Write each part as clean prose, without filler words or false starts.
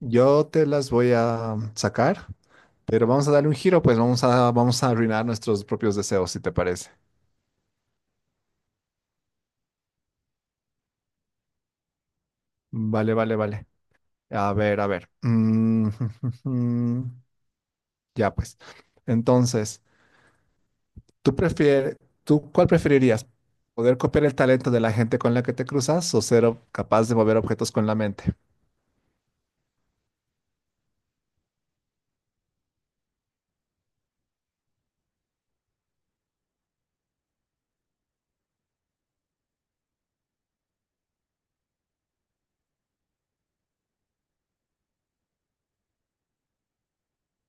Yo te las voy a sacar, pero vamos a darle un giro, pues vamos a arruinar nuestros propios deseos, si te parece. Vale, vale, vale. A ver, a ver. Ya pues. Entonces, ¿tú prefieres, ¿tú cuál preferirías? ¿Poder copiar el talento de la gente con la que te cruzas o ser capaz de mover objetos con la mente?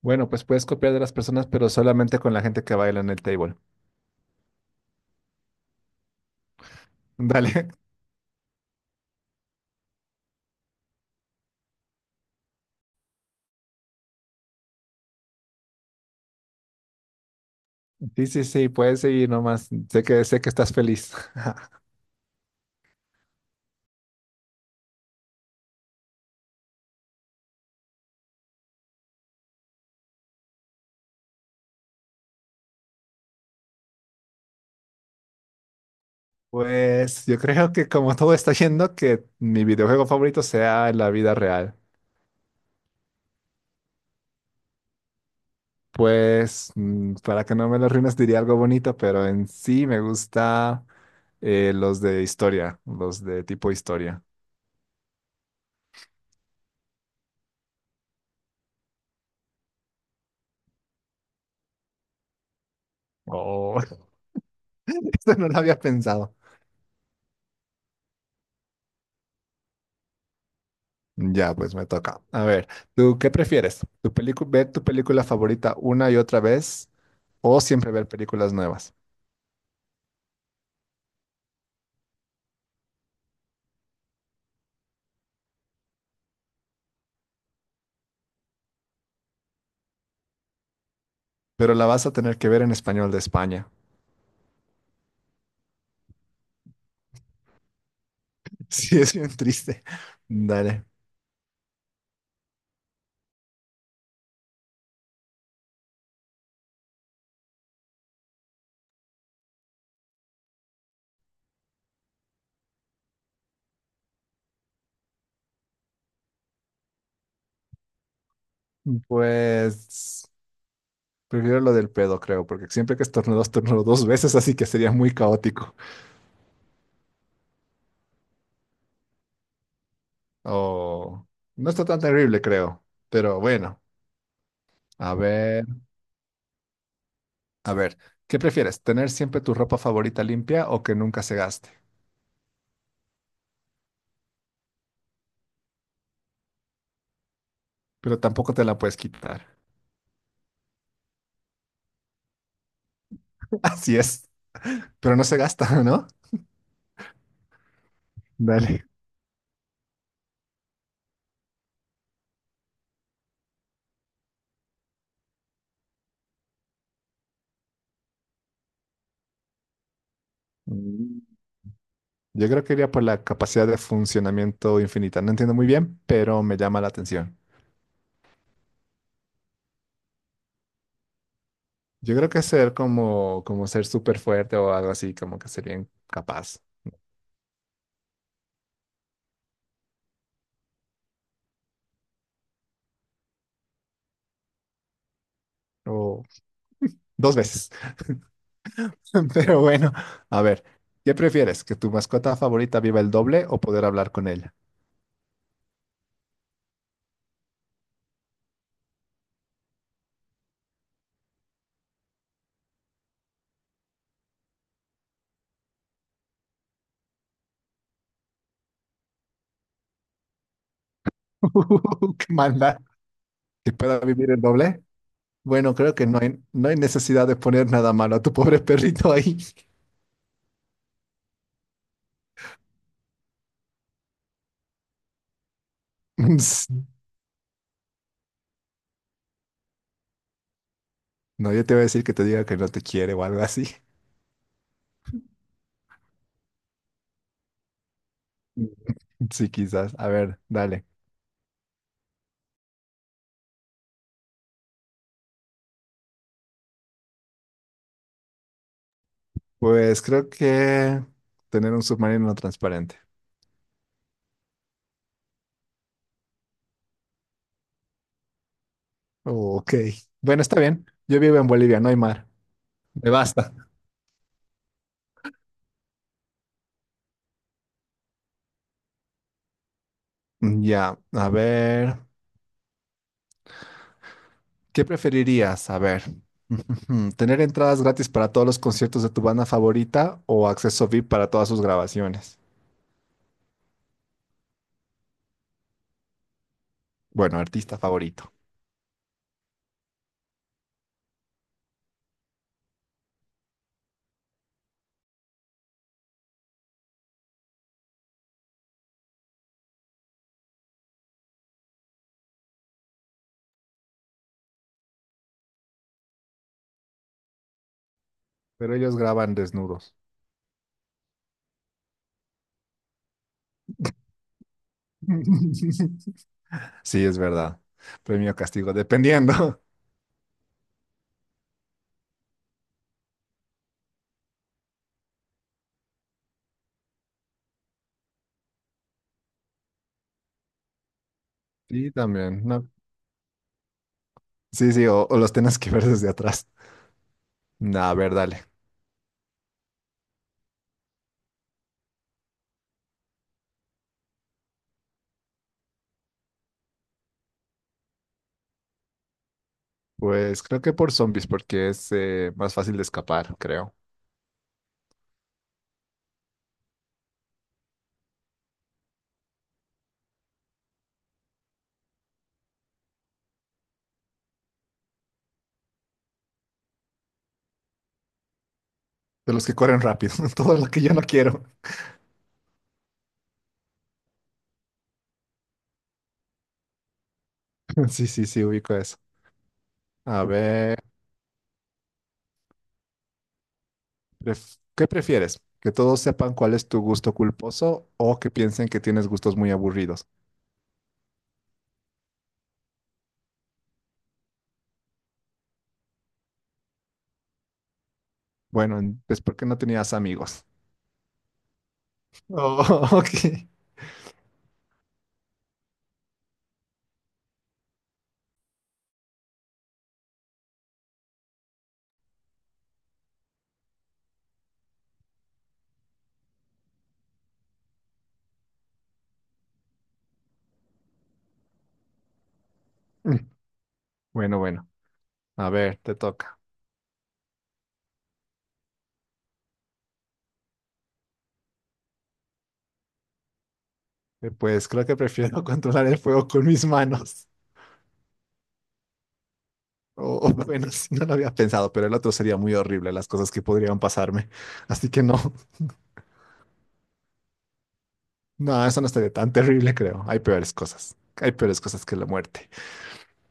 Bueno, pues puedes copiar de las personas, pero solamente con la gente que baila en el table. Dale. Sí, sí, sí, puedes seguir nomás. Sé que estás feliz. Pues yo creo que, como todo está yendo, que mi videojuego favorito sea la vida real. Pues para que no me lo arruines diría algo bonito, pero en sí me gusta los de historia, los de tipo historia. Oh, esto no lo había pensado. Ya, pues me toca. A ver, ¿tú qué prefieres? ¿Ver tu película favorita una y otra vez o siempre ver películas nuevas? Pero la vas a tener que ver en español de España. Sí, es bien triste. Dale. Pues prefiero lo del pedo, creo, porque siempre que estornudo, estornudo dos veces, así que sería muy caótico. O no está tan terrible, creo. Pero bueno, a ver, a ver, ¿qué prefieres? ¿Tener siempre tu ropa favorita limpia o que nunca se gaste? Pero tampoco te la puedes quitar. Así es, pero no se gasta, ¿no? Dale. Mm. Yo creo que iría por la capacidad de funcionamiento infinita. No entiendo muy bien, pero me llama la atención. Yo creo que ser como, como ser súper fuerte o algo así, como que ser bien capaz. O dos veces. Pero bueno, a ver, ¿qué prefieres? ¿Que tu mascota favorita viva el doble o poder hablar con ella? ¡Qué maldad! ¿Que pueda vivir el doble? Bueno, creo que no hay necesidad de poner nada malo a tu pobre perrito ahí. No, yo te voy a decir que te diga que no te quiere o algo así. Sí, quizás. A ver, dale. Pues creo que tener un submarino transparente. Ok. Bueno, está bien. Yo vivo en Bolivia, no hay mar. Me basta. Ya, a ver. ¿Qué preferirías? A ver. ¿Tener entradas gratis para todos los conciertos de tu banda favorita o acceso VIP para todas sus grabaciones? Bueno, artista favorito. Pero ellos graban desnudos. Sí, es verdad. Premio o castigo, dependiendo. Sí, también. No. Sí, sí, o los tenés que ver desde atrás. Nah, a ver, dale. Pues creo que por zombies, porque es más fácil de escapar, creo. De los que corren rápido. Todo lo que yo no quiero. Sí, sí, sí, ubico eso. A ver, ¿qué prefieres? ¿Que todos sepan cuál es tu gusto culposo o que piensen que tienes gustos muy aburridos? Bueno, es porque no tenías amigos. Oh, ok. Bueno, bueno. A ver, te toca. Pues creo que prefiero controlar el fuego con mis manos. O bueno, sí, no lo había pensado, pero el otro sería muy horrible, las cosas que podrían pasarme. Así que no. No, eso no estaría tan terrible, creo. Hay peores cosas. Hay peores cosas que la muerte.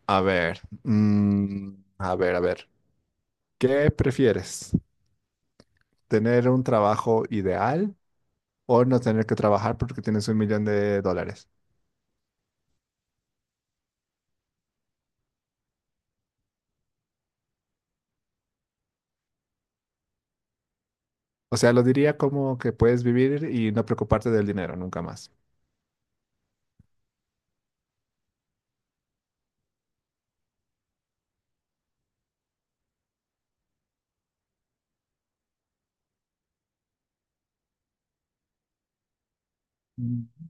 A ver, a ver. ¿Qué prefieres? ¿Tener un trabajo ideal o no tener que trabajar porque tienes $1.000.000? O sea, lo diría como que puedes vivir y no preocuparte del dinero nunca más. Mm,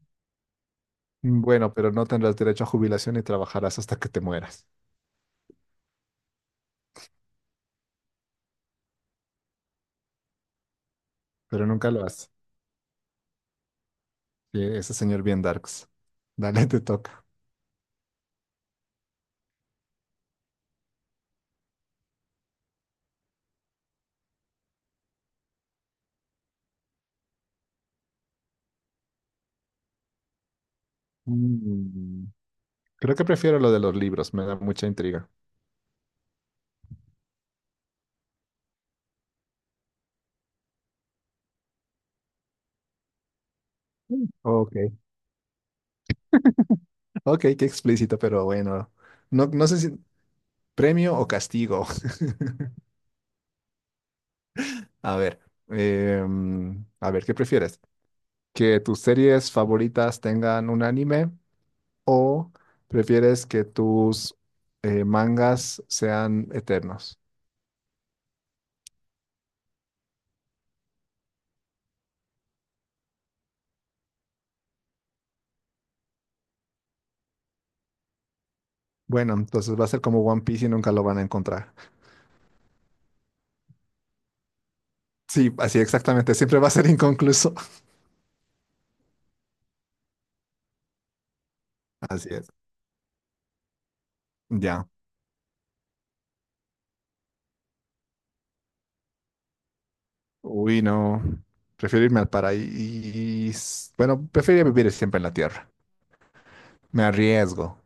Bueno, pero no tendrás derecho a jubilación y trabajarás hasta que te mueras. Pero nunca lo haces. Sí, ese señor bien darks. Dale, te toca. Mm, Creo que prefiero lo de los libros, me da mucha intriga. Ok, ok, qué explícito, pero bueno. No, no sé si premio o castigo. A ver, a ver, ¿qué prefieres? ¿Que tus series favoritas tengan un anime o prefieres que tus mangas sean eternos? Bueno, entonces va a ser como One Piece y nunca lo van a encontrar. Sí, así exactamente, siempre va a ser inconcluso. Así es. Ya. Uy, no. Prefiero irme al paraíso. Bueno, prefiero vivir siempre en la tierra. Me arriesgo.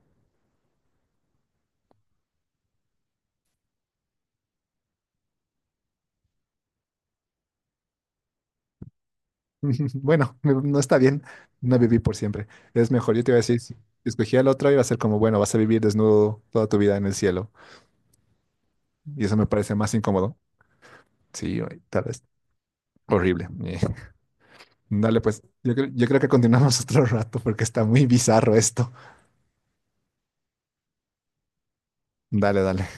Bueno, no está bien, no viví por siempre. Es mejor, yo te iba a decir, si escogía el otro, iba a ser como, bueno, vas a vivir desnudo toda tu vida en el cielo. Y eso me parece más incómodo. Sí, oye, tal vez. Horrible. Dale, pues, yo creo que continuamos otro rato porque está muy bizarro esto. Dale, dale.